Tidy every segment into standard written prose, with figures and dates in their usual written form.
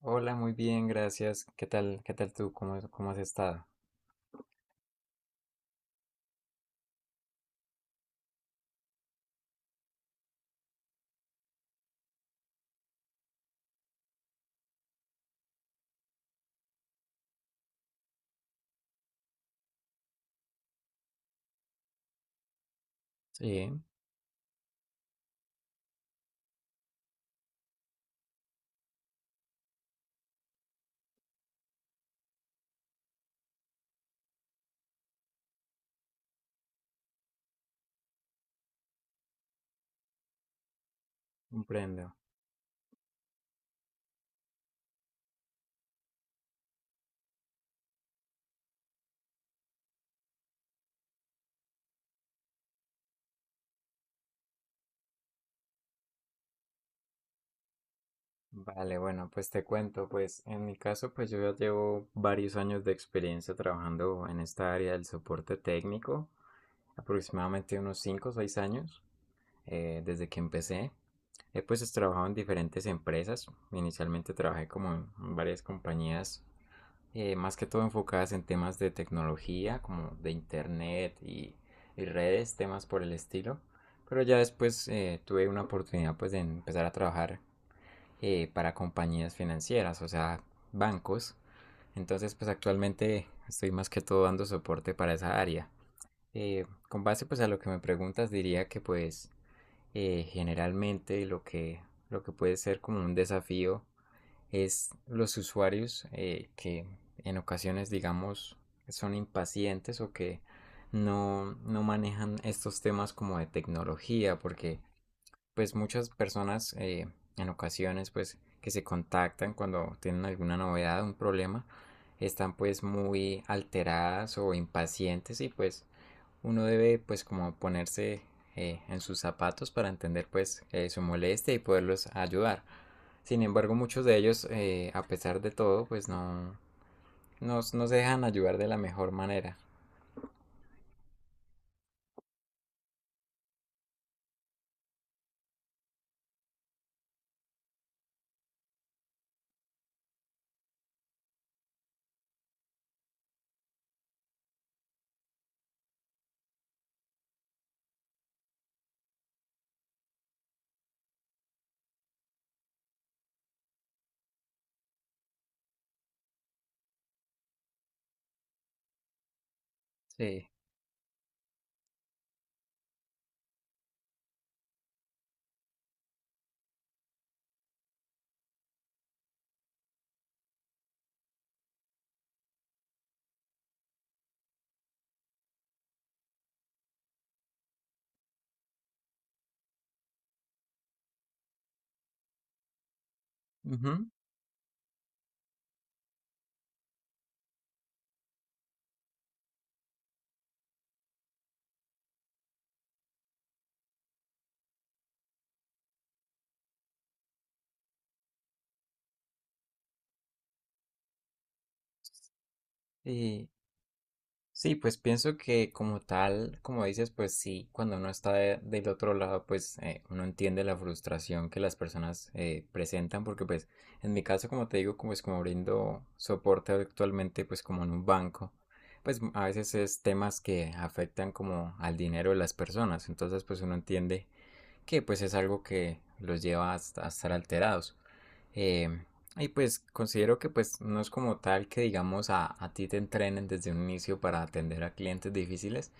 Hola, muy bien, gracias. ¿Qué tal? ¿Qué tal tú? ¿Cómo has estado? Sí, comprendo. Vale, bueno, pues te cuento, pues en mi caso, pues yo ya llevo varios años de experiencia trabajando en esta área del soporte técnico, aproximadamente unos 5 o 6 años, desde que empecé. He pues trabajado en diferentes empresas. Inicialmente trabajé como en varias compañías más que todo enfocadas en temas de tecnología, como de internet y redes, temas por el estilo. Pero ya después tuve una oportunidad pues de empezar a trabajar para compañías financieras, o sea, bancos. Entonces pues actualmente estoy más que todo dando soporte para esa área. Con base pues a lo que me preguntas diría que pues generalmente lo que puede ser como un desafío es los usuarios que en ocasiones, digamos, son impacientes o que no manejan estos temas como de tecnología, porque pues muchas personas en ocasiones pues que se contactan cuando tienen alguna novedad, un problema, están pues muy alteradas o impacientes y pues uno debe pues como ponerse en sus zapatos para entender pues su molestia y poderlos ayudar. Sin embargo, muchos de ellos, a pesar de todo, pues no se dejan ayudar de la mejor manera. Sí. Ujú. Y, Sí, pues pienso que como tal, como dices, pues sí, cuando uno está del otro lado, pues uno entiende la frustración que las personas presentan, porque pues en mi caso, como te digo, como es como brindo soporte actualmente, pues como en un banco, pues a veces es temas que afectan como al dinero de las personas, entonces pues uno entiende que pues es algo que los lleva a, estar alterados. Eh, y pues considero que pues no es como tal que digamos a ti te entrenen desde un inicio para atender a clientes difíciles,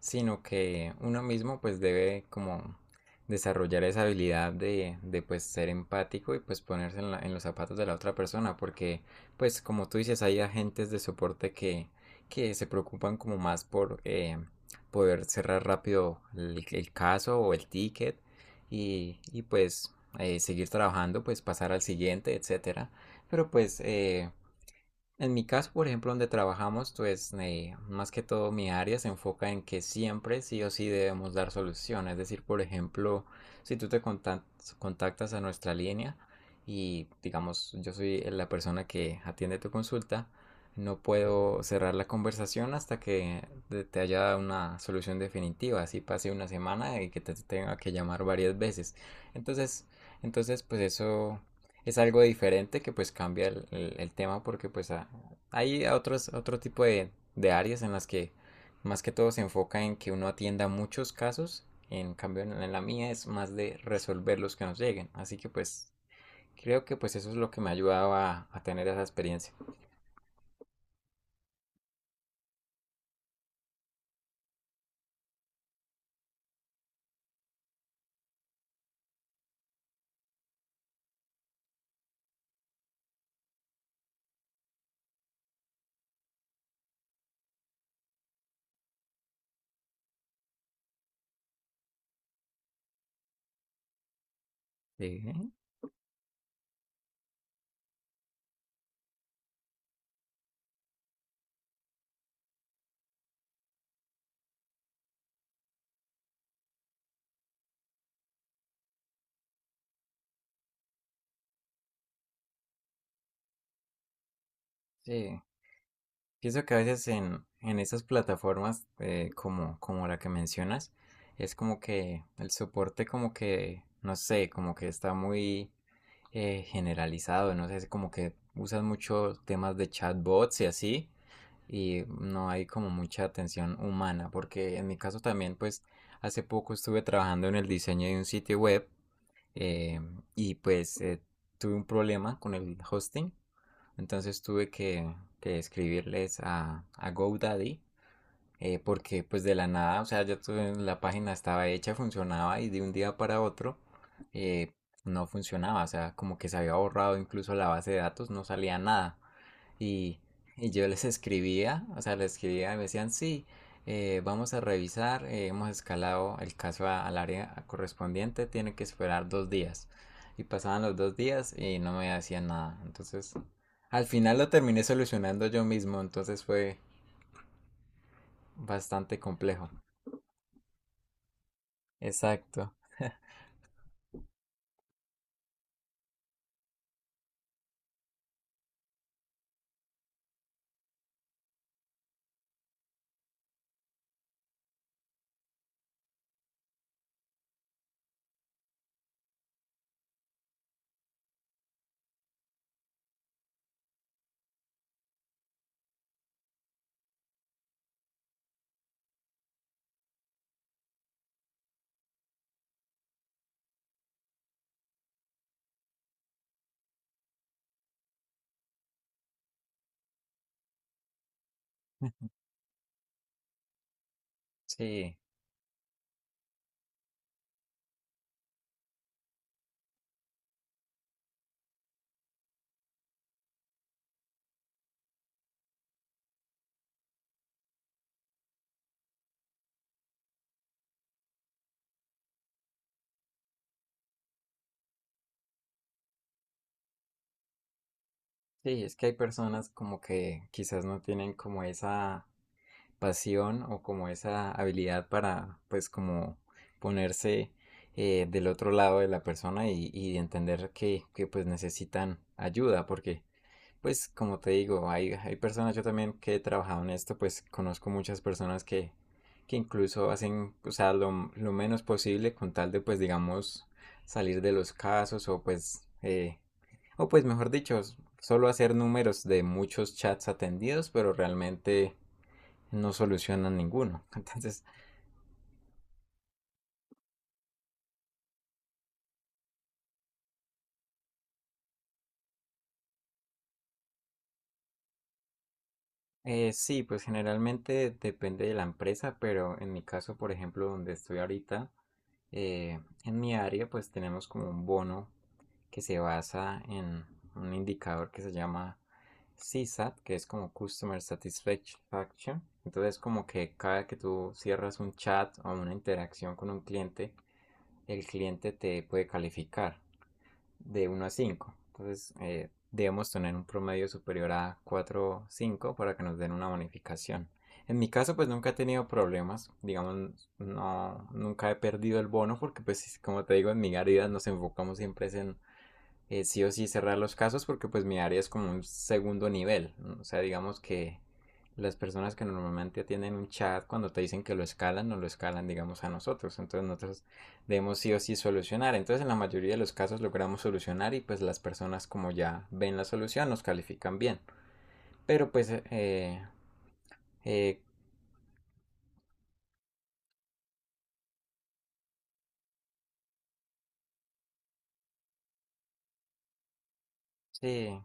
sino que uno mismo pues debe como desarrollar esa habilidad de pues ser empático y pues ponerse en los zapatos de la otra persona porque pues como tú dices hay agentes de soporte que se preocupan como más por poder cerrar rápido el caso o el ticket y pues seguir trabajando, pues pasar al siguiente, etcétera. Pero pues en mi caso, por ejemplo, donde trabajamos, pues más que todo mi área se enfoca en que siempre sí o sí debemos dar solución. Es decir, por ejemplo, si tú contactas a nuestra línea y digamos yo soy la persona que atiende tu consulta, no puedo cerrar la conversación hasta que te haya dado una solución definitiva. Así pase una semana y que te tenga que llamar varias veces. Entonces, entonces pues eso es algo diferente que pues cambia el tema porque pues hay otro tipo de, áreas en las que más que todo se enfoca en que uno atienda muchos casos, en cambio en la mía es más de resolver los que nos lleguen, así que pues creo que pues eso es lo que me ha ayudado a, tener esa experiencia. Sí, sí. Pienso que a veces en esas plataformas como la que mencionas, es como que el soporte como que, no sé, como que está muy generalizado, no sé, es como que usan mucho temas de chatbots y así, y no hay como mucha atención humana, porque en mi caso también, pues hace poco estuve trabajando en el diseño de un sitio web eh, y pues tuve un problema con el hosting, entonces tuve que escribirles a GoDaddy porque pues de la nada, o sea, ya la página estaba hecha, funcionaba y de un día para otro eh, no funcionaba, o sea, como que se había borrado incluso la base de datos, no salía nada. Y, y yo les escribía, o sea, les escribía y me decían, sí, vamos a revisar, hemos escalado el caso al área correspondiente, tiene que esperar dos días. Y pasaban los dos días y no me hacían nada. Entonces, al final lo terminé solucionando yo mismo, entonces fue bastante complejo. Exacto, sí, sí, es que hay personas como que quizás no tienen como esa pasión o como esa habilidad para pues como ponerse del otro lado de la persona y, entender que, pues necesitan ayuda porque pues como te digo, hay personas yo también que he trabajado en esto pues conozco muchas personas que incluso hacen o sea lo menos posible con tal de pues digamos salir de los casos O pues mejor dicho, solo hacer números de muchos chats atendidos, pero realmente no solucionan ninguno. Entonces, sí, pues generalmente depende de la empresa, pero en mi caso, por ejemplo, donde estoy ahorita, eh, en mi área, pues tenemos como un bono que se basa en un indicador que se llama CSAT, que es como Customer Satisfaction. Entonces, como que cada que tú cierras un chat o una interacción con un cliente, el cliente te puede calificar de uno a cinco. Entonces, debemos tener un promedio superior a 4 o 5 para que nos den una bonificación. En mi caso, pues nunca he tenido problemas, digamos, no, nunca he perdido el bono porque, pues, como te digo, en mi garida nos enfocamos siempre en sí o sí cerrar los casos porque pues mi área es como un segundo nivel. ¿No? O sea, digamos que las personas que normalmente atienden un chat cuando te dicen que lo escalan, no lo escalan, digamos, a nosotros. Entonces nosotros debemos sí o sí solucionar. Entonces en la mayoría de los casos logramos solucionar y pues las personas como ya ven la solución nos califican bien. Pero pues eh, sí.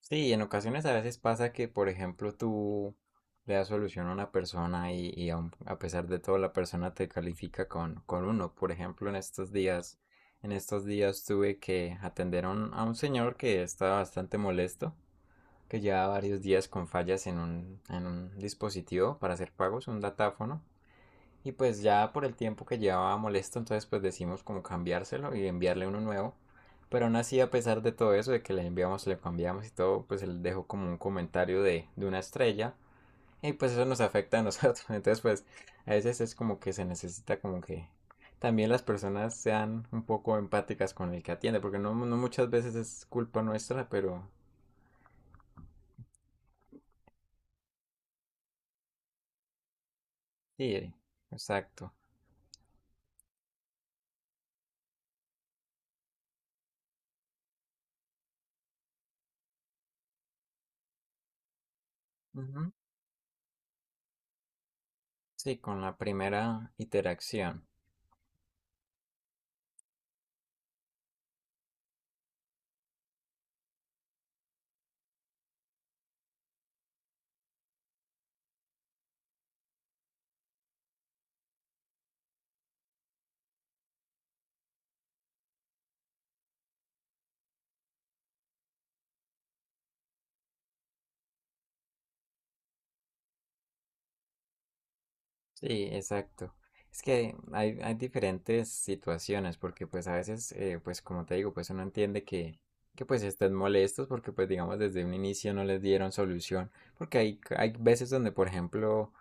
Sí, en ocasiones a veces pasa que, por ejemplo, tú le das solución a una persona y, a pesar de todo la persona te califica con, uno. Por ejemplo, en estos días tuve que atender a un, señor que estaba bastante molesto, que llevaba varios días con fallas en un dispositivo para hacer pagos, un datáfono. Y pues ya por el tiempo que llevaba molesto, entonces pues decimos como cambiárselo y enviarle uno nuevo. Pero aún así, a pesar de todo eso, de que le enviamos, le cambiamos y todo, pues él dejó como un comentario de una estrella. Y pues eso nos afecta a nosotros. Entonces pues a veces es como que se necesita como que también las personas sean un poco empáticas con el que atiende. Porque no muchas veces es culpa nuestra, pero sí, exacto. Ujú. Sí, con la primera interacción. Sí, exacto. Es que hay diferentes situaciones, porque pues a veces, pues como te digo, pues uno entiende que pues estén molestos porque pues digamos desde un inicio no les dieron solución, porque hay veces donde, por ejemplo,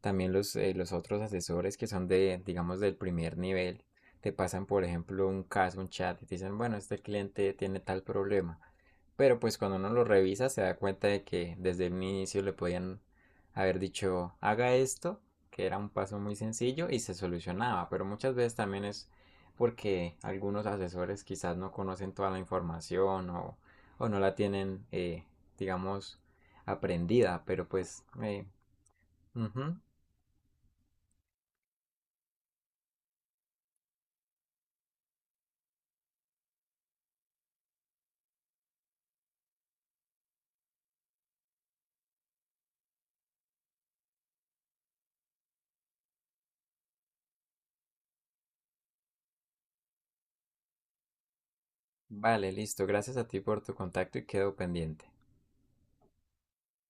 también los otros asesores que son de, digamos, del primer nivel, te pasan, por ejemplo, un caso, un chat y te dicen, bueno, este cliente tiene tal problema. Pero pues cuando uno lo revisa se da cuenta de que desde el inicio le podían haber dicho haga esto, que era un paso muy sencillo y se solucionaba, pero muchas veces también es porque algunos asesores quizás no conocen toda la información o no la tienen, digamos, aprendida, pero pues. Ujú. Vale, listo. Gracias a ti por tu contacto y quedo pendiente.